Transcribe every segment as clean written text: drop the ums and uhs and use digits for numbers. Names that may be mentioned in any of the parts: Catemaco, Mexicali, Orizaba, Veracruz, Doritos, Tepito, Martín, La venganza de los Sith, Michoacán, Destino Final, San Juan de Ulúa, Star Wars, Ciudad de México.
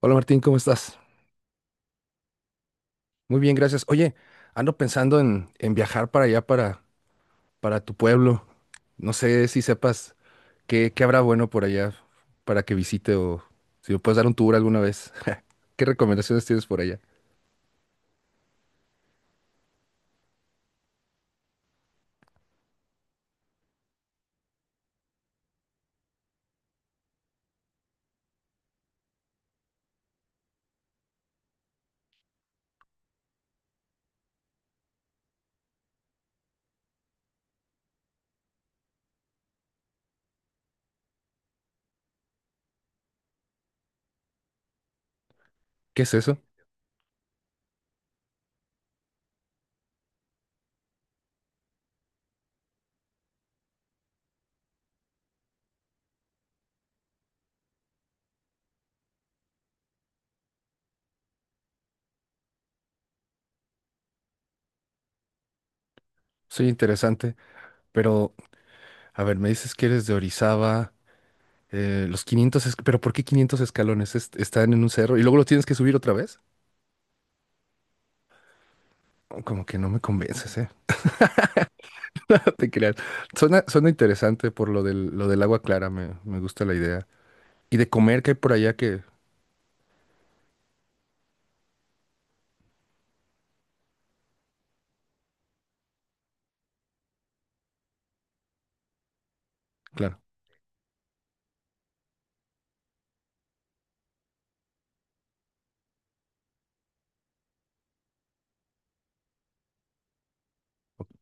Hola Martín, ¿cómo estás? Muy bien, gracias. Oye, ando pensando en viajar para allá, para tu pueblo. No sé si sepas qué habrá bueno por allá para que visite o si me puedes dar un tour alguna vez. ¿Qué recomendaciones tienes por allá? ¿Qué es eso? Soy interesante, pero a ver, me dices que eres de Orizaba, los 500, pero ¿por qué 500 escalones? Están en un cerro y luego lo tienes que subir otra vez. Como que no me convences, ¿eh? No te creas. Suena interesante por lo del agua clara, me gusta la idea. Y de comer que hay por allá que, claro,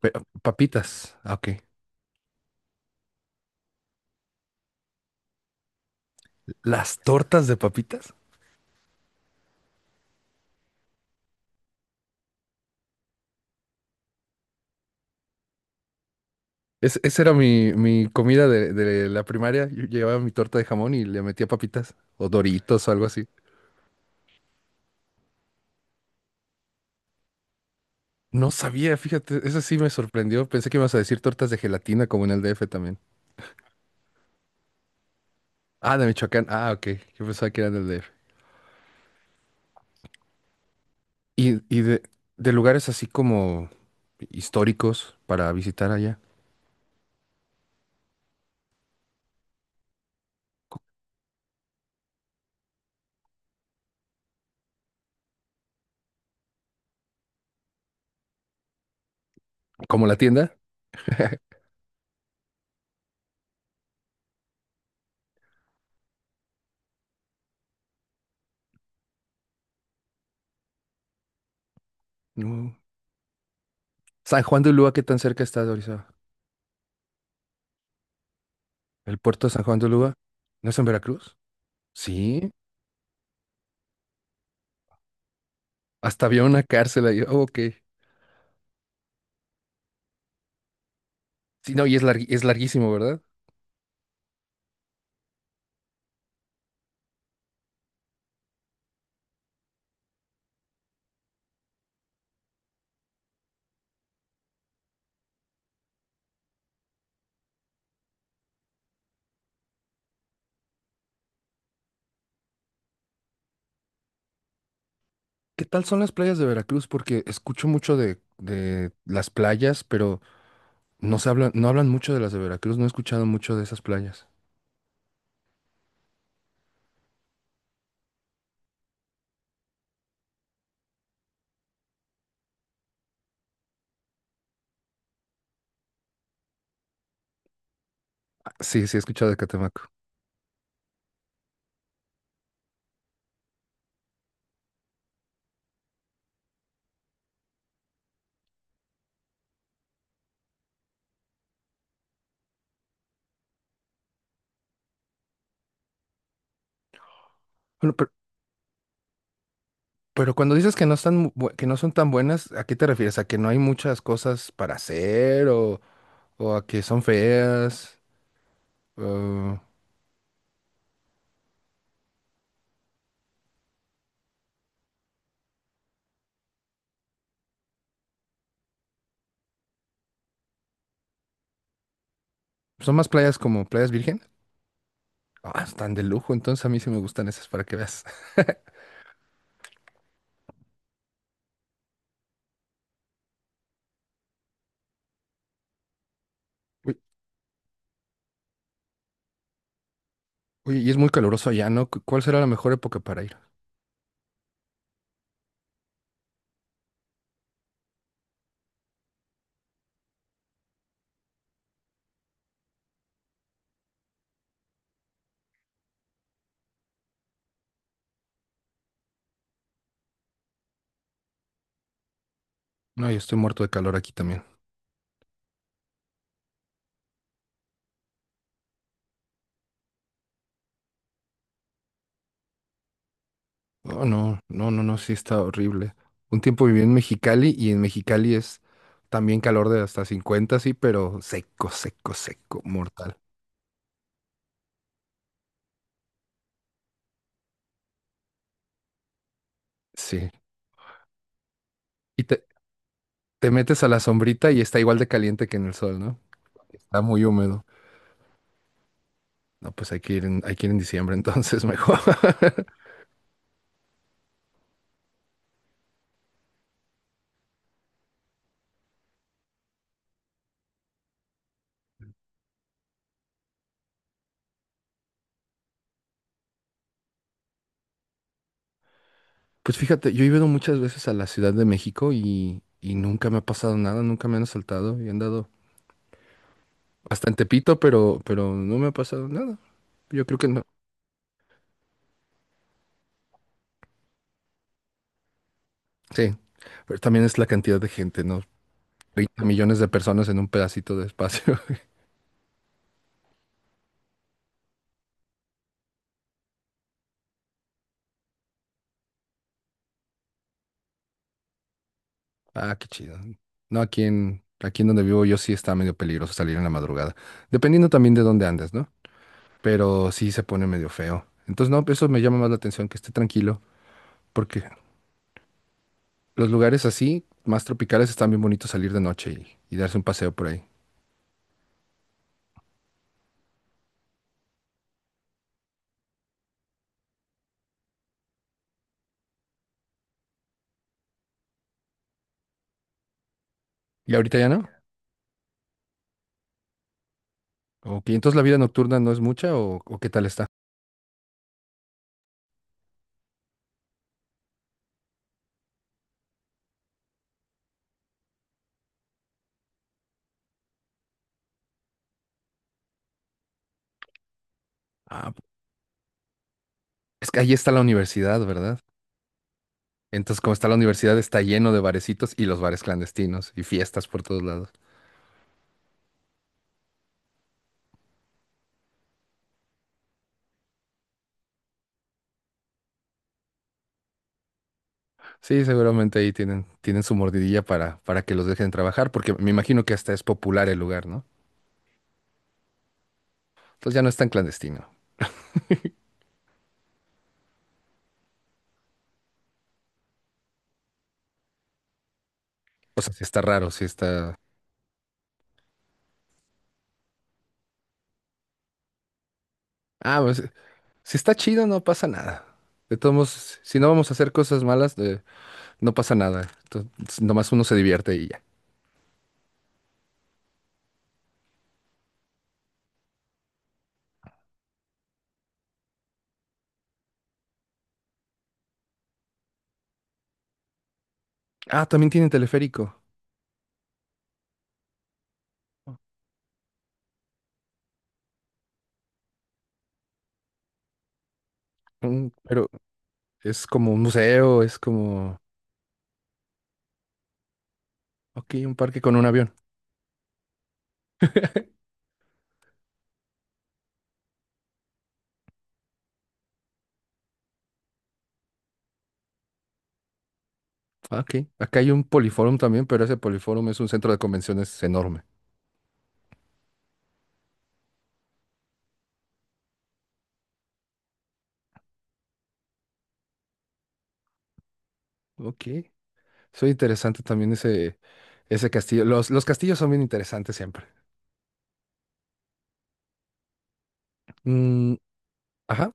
pe- papitas. Ah, ok. Las tortas de papitas. Esa era mi comida de la primaria. Yo llevaba mi torta de jamón y le metía papitas o Doritos o algo así. No sabía, fíjate, eso sí me sorprendió. Pensé que ibas a decir tortas de gelatina como en el DF también. Ah, de Michoacán. Ah, ok. Yo pensaba que eran del DF. Y de lugares así como históricos para visitar allá. Como la tienda. No. San Juan de Ulúa, ¿qué tan cerca está de Orizaba? ¿El puerto de San Juan de Ulúa? ¿No es en Veracruz? Sí. Hasta había una cárcel ahí. Oh, ok. Sí, no, y es es larguísimo, ¿verdad? ¿Qué tal son las playas de Veracruz? Porque escucho mucho de las playas, pero no hablan mucho de las de Veracruz. No he escuchado mucho de esas playas. Ah, sí, sí, he escuchado de Catemaco. Bueno, pero cuando dices que no están, que no son tan buenas, ¿a qué te refieres? ¿A que no hay muchas cosas para hacer o a que son feas? O- ¿Son más playas como playas virgen? Ah, están de lujo, entonces a mí sí me gustan esas para que veas. Uy, oye, y es muy caluroso allá, ¿no? ¿Cuál será la mejor época para ir? No, yo estoy muerto de calor aquí también. Oh, no, no, no, no, sí está horrible. Un tiempo viví en Mexicali y en Mexicali es también calor de hasta 50, sí, pero seco, seco, seco, mortal. Sí. Y te metes a la sombrita y está igual de caliente que en el sol, ¿no? Está muy húmedo. No, pues hay que hay que ir en diciembre entonces mejor. Pues fíjate, yo he ido muchas veces a la Ciudad de México y nunca me ha pasado nada, nunca me han asaltado y he andado hasta en Tepito, pero no me ha pasado nada. Yo creo que no. Sí, pero también es la cantidad de gente, ¿no? 30 millones de personas en un pedacito de espacio. Ah, qué chido. No, aquí en donde vivo yo sí está medio peligroso salir en la madrugada, dependiendo también de dónde andes, ¿no? Pero sí se pone medio feo. Entonces, no, eso me llama más la atención, que esté tranquilo, porque los lugares así, más tropicales, están bien bonitos salir de noche y darse un paseo por ahí. ¿Y ahorita ya no? Ok, entonces la vida nocturna no es mucha o, ¿o qué tal está? Ah, es que ahí está la universidad, ¿verdad? Entonces, como está la universidad, está lleno de barecitos y los bares clandestinos y fiestas por todos lados. Sí, seguramente ahí tienen su mordidilla para que los dejen trabajar, porque me imagino que hasta es popular el lugar, ¿no? Entonces ya no es tan clandestino. O sea, si está raro, si está... Ah, pues, si está chido, no pasa nada. De todos modos, si no vamos a hacer cosas malas, no pasa nada. Nomás uno se divierte y ya. Ah, también tiene teleférico. Mm, pero es como un museo, es como, ok, un parque con un avión. Ah, ok, acá hay un poliforum también, pero ese poliforum es un centro de convenciones enorme. Ok, soy interesante también ese castillo. Los castillos son bien interesantes siempre. Mm, ajá,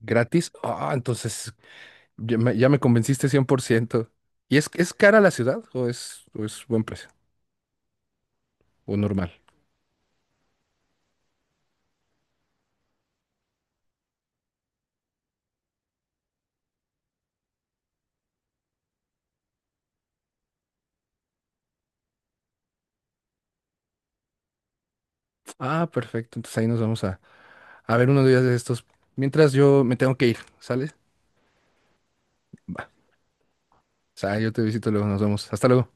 gratis. Ah, entonces ya me convenciste cien por ciento. ¿Y es cara la ciudad o es buen precio o normal? Ah, perfecto, entonces ahí nos vamos a... A ver, unos días de estos. Mientras yo me tengo que ir, ¿sale? O sea, yo te visito luego, nos vemos. Hasta luego.